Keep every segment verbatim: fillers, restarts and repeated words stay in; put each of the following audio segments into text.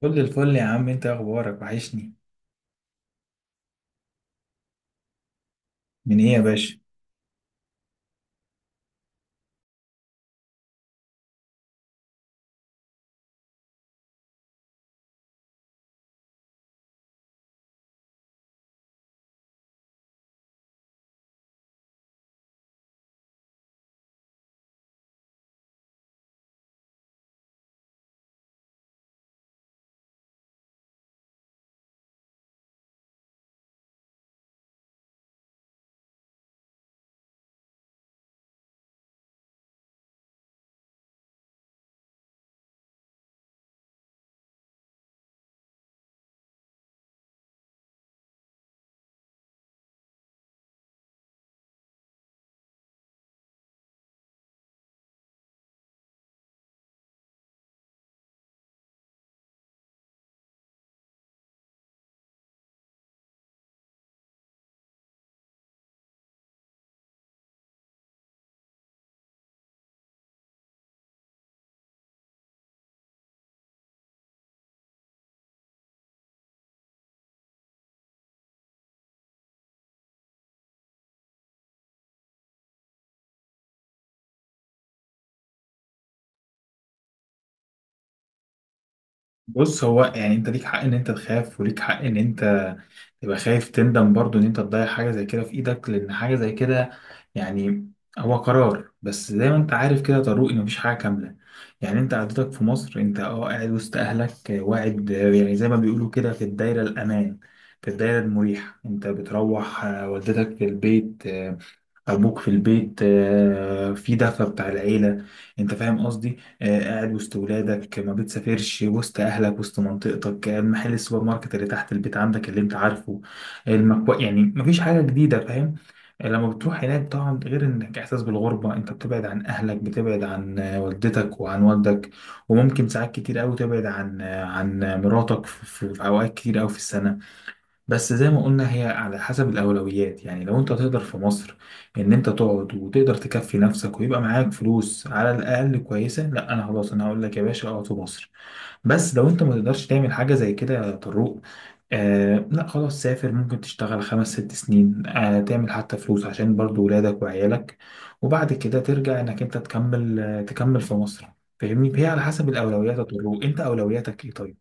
كل الفل يا عم، انت اخبارك وحشني. من ايه يا باشا؟ بص، هو يعني انت ليك حق ان انت تخاف، وليك حق ان انت تبقى خايف تندم برضو ان انت تضيع حاجة زي كده في ايدك، لان حاجة زي كده يعني هو قرار. بس زي ما انت عارف كده يا طارق، ان مفيش حاجة كاملة. يعني انت قعدتك في مصر، انت اه قاعد وسط اهلك، اه، واعد، اه، يعني زي ما بيقولوا كده في الدايرة الامان، في الدايرة المريحة. انت بتروح، اه، والدتك في البيت، ابوك في البيت، آه، في دفى بتاع العيله. انت فاهم قصدي؟ آه، قاعد وسط ولادك، ما بتسافرش، وسط اهلك، وسط منطقتك، آه، محل السوبر ماركت اللي تحت البيت عندك اللي انت عارفه. المكو... يعني مفيش حاجه جديده، فاهم؟ آه، لما بتروح هناك طبعا، غير انك احساس بالغربه، انت بتبعد عن اهلك، بتبعد عن آه، والدتك وعن والدك، وممكن ساعات كتير قوي تبعد عن آه، عن مراتك في في- في اوقات كتير قوي في السنه. بس زي ما قلنا، هي على حسب الأولويات. يعني لو أنت تقدر في مصر إن أنت تقعد وتقدر تكفي نفسك ويبقى معاك فلوس على الأقل كويسة، لا، أنا خلاص أنا هقول لك يا باشا اقعد في مصر. بس لو أنت ما تقدرش تعمل حاجة زي كده يا طروق، آه لا خلاص سافر. ممكن تشتغل خمس ست سنين، آه، تعمل حتى فلوس عشان برضو ولادك وعيالك، وبعد كده ترجع إنك أنت تكمل، آه تكمل في مصر. فاهمني؟ هي على حسب الأولويات يا طروق، أنت أولوياتك إيه طيب؟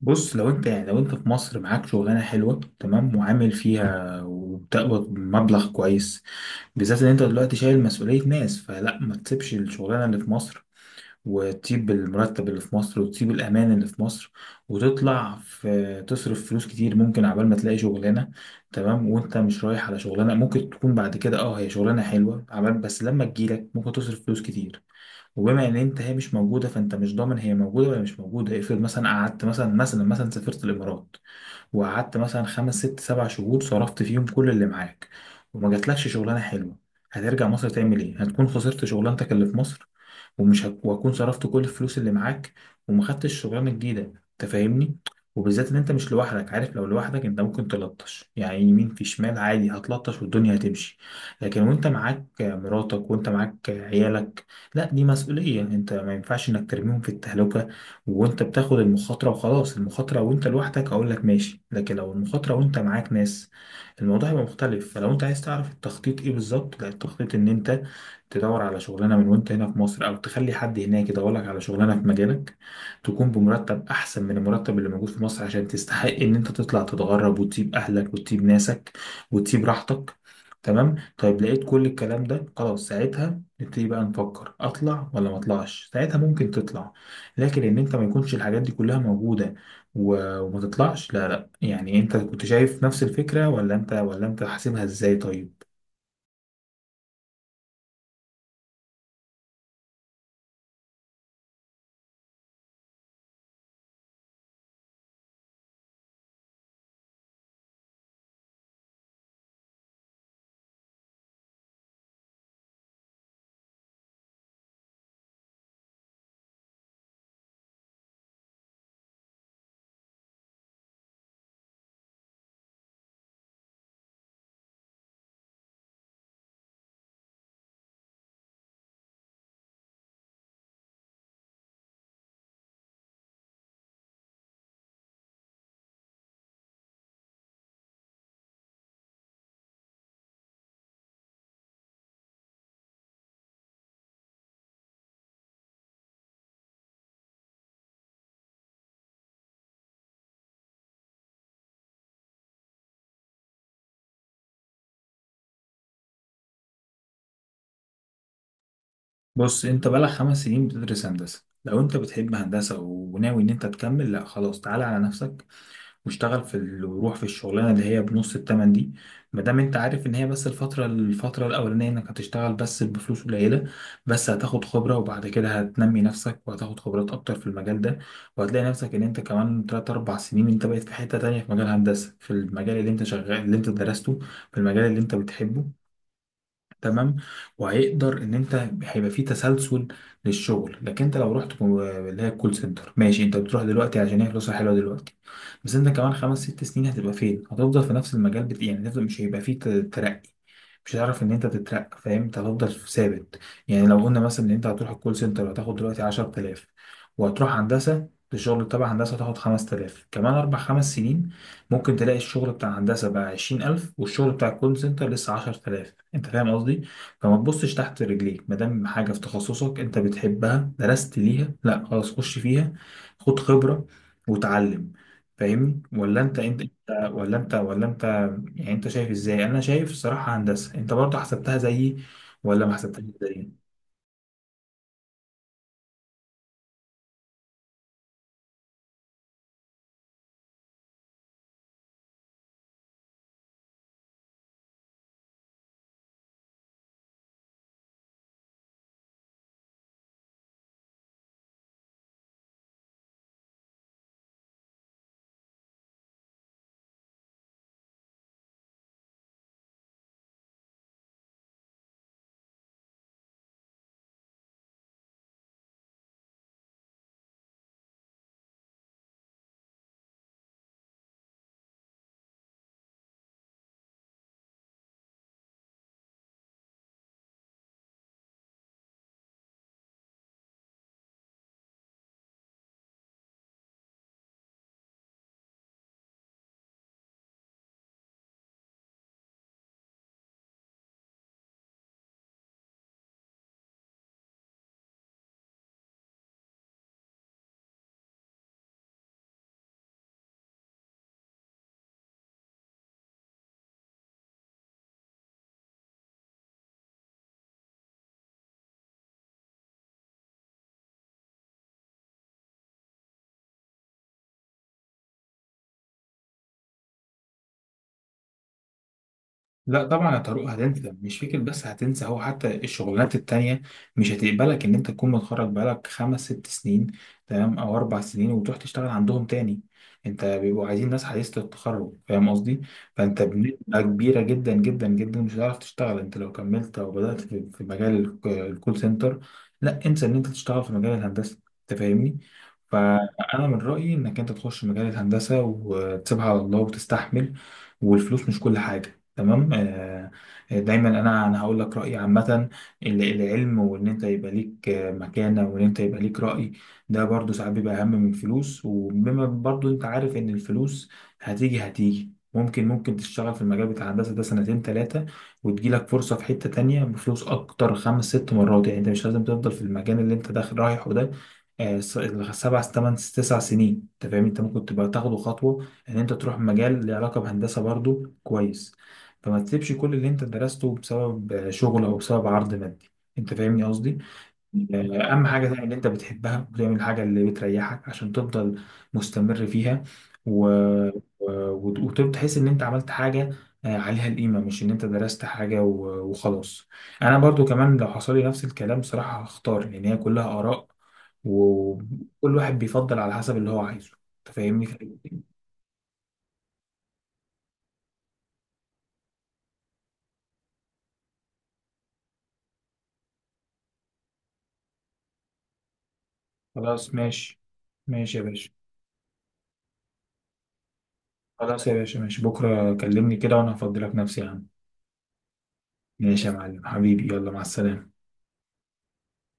بص لو انت يعني لو انت في مصر معاك شغلانه حلوه تمام، وعامل فيها وبتقبض مبلغ كويس، بالذات ان انت دلوقتي شايل مسؤوليه ناس، فلا، ما تسيبش الشغلانه اللي في مصر، وتسيب المرتب اللي في مصر، وتسيب الامان اللي في مصر، وتطلع في تصرف فلوس كتير ممكن عبال ما تلاقي شغلانه. تمام؟ وانت مش رايح على شغلانه، ممكن تكون بعد كده اه هي شغلانه حلوه، عبال بس لما تجيلك ممكن تصرف فلوس كتير. وبما ان انت هي مش موجوده، فانت مش ضامن هي موجوده ولا مش موجوده. افرض مثلا قعدت مثلا، مثلا مثلا سافرت الامارات، وقعدت مثلا خمس ست سبع شهور، صرفت فيهم كل اللي معاك، وما جاتلكش شغلانه حلوه، هترجع مصر تعمل ايه؟ هتكون خسرت شغلانتك اللي في مصر، ومش هك... وهكون صرفت كل الفلوس اللي معاك، وما خدتش شغلانه جديده. انت فاهمني؟ وبالذات ان انت مش لوحدك، عارف؟ لو لوحدك انت ممكن تلطش يعني يمين في شمال عادي، هتلطش والدنيا هتمشي. لكن وانت معاك مراتك، وانت معاك عيالك، لا، دي مسؤولية، انت ما ينفعش انك ترميهم في التهلكة وانت بتاخد المخاطرة. وخلاص، المخاطرة وانت لوحدك اقول لك ماشي، لكن لو المخاطرة وانت معاك ناس، الموضوع هيبقى مختلف. فلو انت عايز تعرف التخطيط ايه بالظبط، لا، التخطيط ان انت تدور على شغلانة من وانت هنا في مصر، او تخلي حد هناك يدور لك على شغلانة في مجالك، تكون بمرتب احسن من المرتب اللي موجود في مصر، عشان تستحق ان انت تطلع تتغرب، وتسيب اهلك وتسيب ناسك وتسيب راحتك. تمام؟ طيب لقيت كل الكلام ده خلاص، ساعتها نبتدي بقى نفكر اطلع ولا ما اطلعش. ساعتها ممكن تطلع، لكن ان انت ما يكونش الحاجات دي كلها موجوده، و- وما تطلعش، لا لا. يعني انت كنت شايف نفس الفكره ولا انت ولا انت حاسبها ازاي طيب؟ بص انت بقالك خمس سنين بتدرس هندسه، لو انت بتحب هندسه وناوي ان انت تكمل، لا خلاص، تعالى على نفسك واشتغل في ال... وروح في الشغلانه اللي هي بنص التمن دي، ما دام انت عارف ان هي بس الفتره، الفتره الاولانيه انك هتشتغل بس بفلوس قليله، بس هتاخد خبره، وبعد كده هتنمي نفسك وهتاخد خبرات اكتر في المجال ده. وهتلاقي نفسك ان انت كمان تلاتة أربعة سنين انت بقيت في حته تانية في مجال هندسه، في المجال اللي انت شغال، اللي انت درسته، في المجال اللي انت بتحبه. تمام؟ وهيقدر ان انت هيبقى في تسلسل للشغل. لكن انت لو رحت كو- اللي هي الكول سنتر، ماشي، انت بتروح دلوقتي عشان هي فلوسها حلوه دلوقتي، بس انت كمان خمس ست سنين هتبقى فين؟ هتفضل في نفس المجال، بت... يعني هتفضل- مش هيبقى فيه ت- ترقي، مش هتعرف ان انت تترقى، فاهم؟ انت هتفضل ثابت. يعني لو قلنا مثلا ان انت هتروح الكول سنتر هتاخد دلوقتي عشر تلاف، وهتروح هندسه، الشغل تبع هندسه هتاخد خمس تلاف كمان اربع خمس سنين. ممكن تلاقي الشغل بتاع هندسة بقى عشرين ألف، والشغل بتاع الكول سنتر لسه عشر تلاف. أنت فاهم قصدي؟ فما تبصش تحت رجليك، مادام حاجة في تخصصك أنت بتحبها درست ليها، لأ خلاص، خش فيها، خد خبرة وتعلم. فاهمني؟ ولا أنت أنت أنت- ولا أنت ولا أنت يعني أنت شايف إزاي؟ أنا شايف الصراحة هندسة، أنت برضه حسبتها زيي ولا ما حسبتهاش زيي؟ لا طبعا يا طارق هتنسى، مش فكرة بس هتنسى، هو حتى الشغلانات التانية مش هتقبلك ان انت تكون متخرج بقالك خمس ست سنين، تمام، او اربع سنين، وتروح تشتغل عندهم تاني. انت بيبقوا عايزين ناس حديثة التخرج، فاهم قصدي؟ فانت بنسبة كبيرة جدا جدا جدا مش هتعرف تشتغل، انت لو كملت او بدأت في في مجال الك- الكول سنتر. لا انسى ان انت تشتغل في مجال الهندسة، انت فاهمني؟ فانا من رأيي انك انت تخش مجال الهندسة وتسيبها على الله، وتستحمل. والفلوس مش كل حاجة. تمام؟ آه، آه، دايما، انا انا هقول لك رايي عامه، ال- العلم، وان انت يبقى ليك آه، مكانه، وان انت يبقى ليك راي، ده برضو ساعات بيبقى اهم من الفلوس. وبما برضو انت عارف ان الفلوس هتيجي هتيجي، ممكن ممكن تشتغل في المجال بتاع الهندسه ده سنتين ثلاثه، وتجيلك فرصه في حته تانية بفلوس اكتر خمس ست مرات. يعني انت مش لازم تفضل في المكان اللي انت داخل رايحه ده آه، س- سبع ثمان تسع سنين. انت فاهم؟ انت ممكن تبقى تاخده خطوه ان انت تروح مجال له علاقه بهندسه برضو كويس. فما تسيبش كل اللي انت درسته بسبب شغل او بسبب عرض مادي. انت فاهمني قصدي؟ آه، اهم حاجه تعمل اللي انت بتحبها، وتعمل الحاجه اللي بتريحك عشان تفضل مستمر فيها، و... و... وتحس ان انت عملت حاجه آه، عليها القيمه، مش ان انت درست حاجه و... وخلاص. انا برضو كمان لو حصل لي نفس الكلام صراحه هختار، لان هي كلها اراء، وكل واحد بيفضل على حسب اللي هو عايزه. انت فاهمني؟ خلاص، ماشي. ماشي يا باشا. خلاص يا باشا، ماشي، بكرة كلمني كده وأنا هفضلك نفسي يا عم. ماشي يا معلم حبيبي، يلا مع السلامة.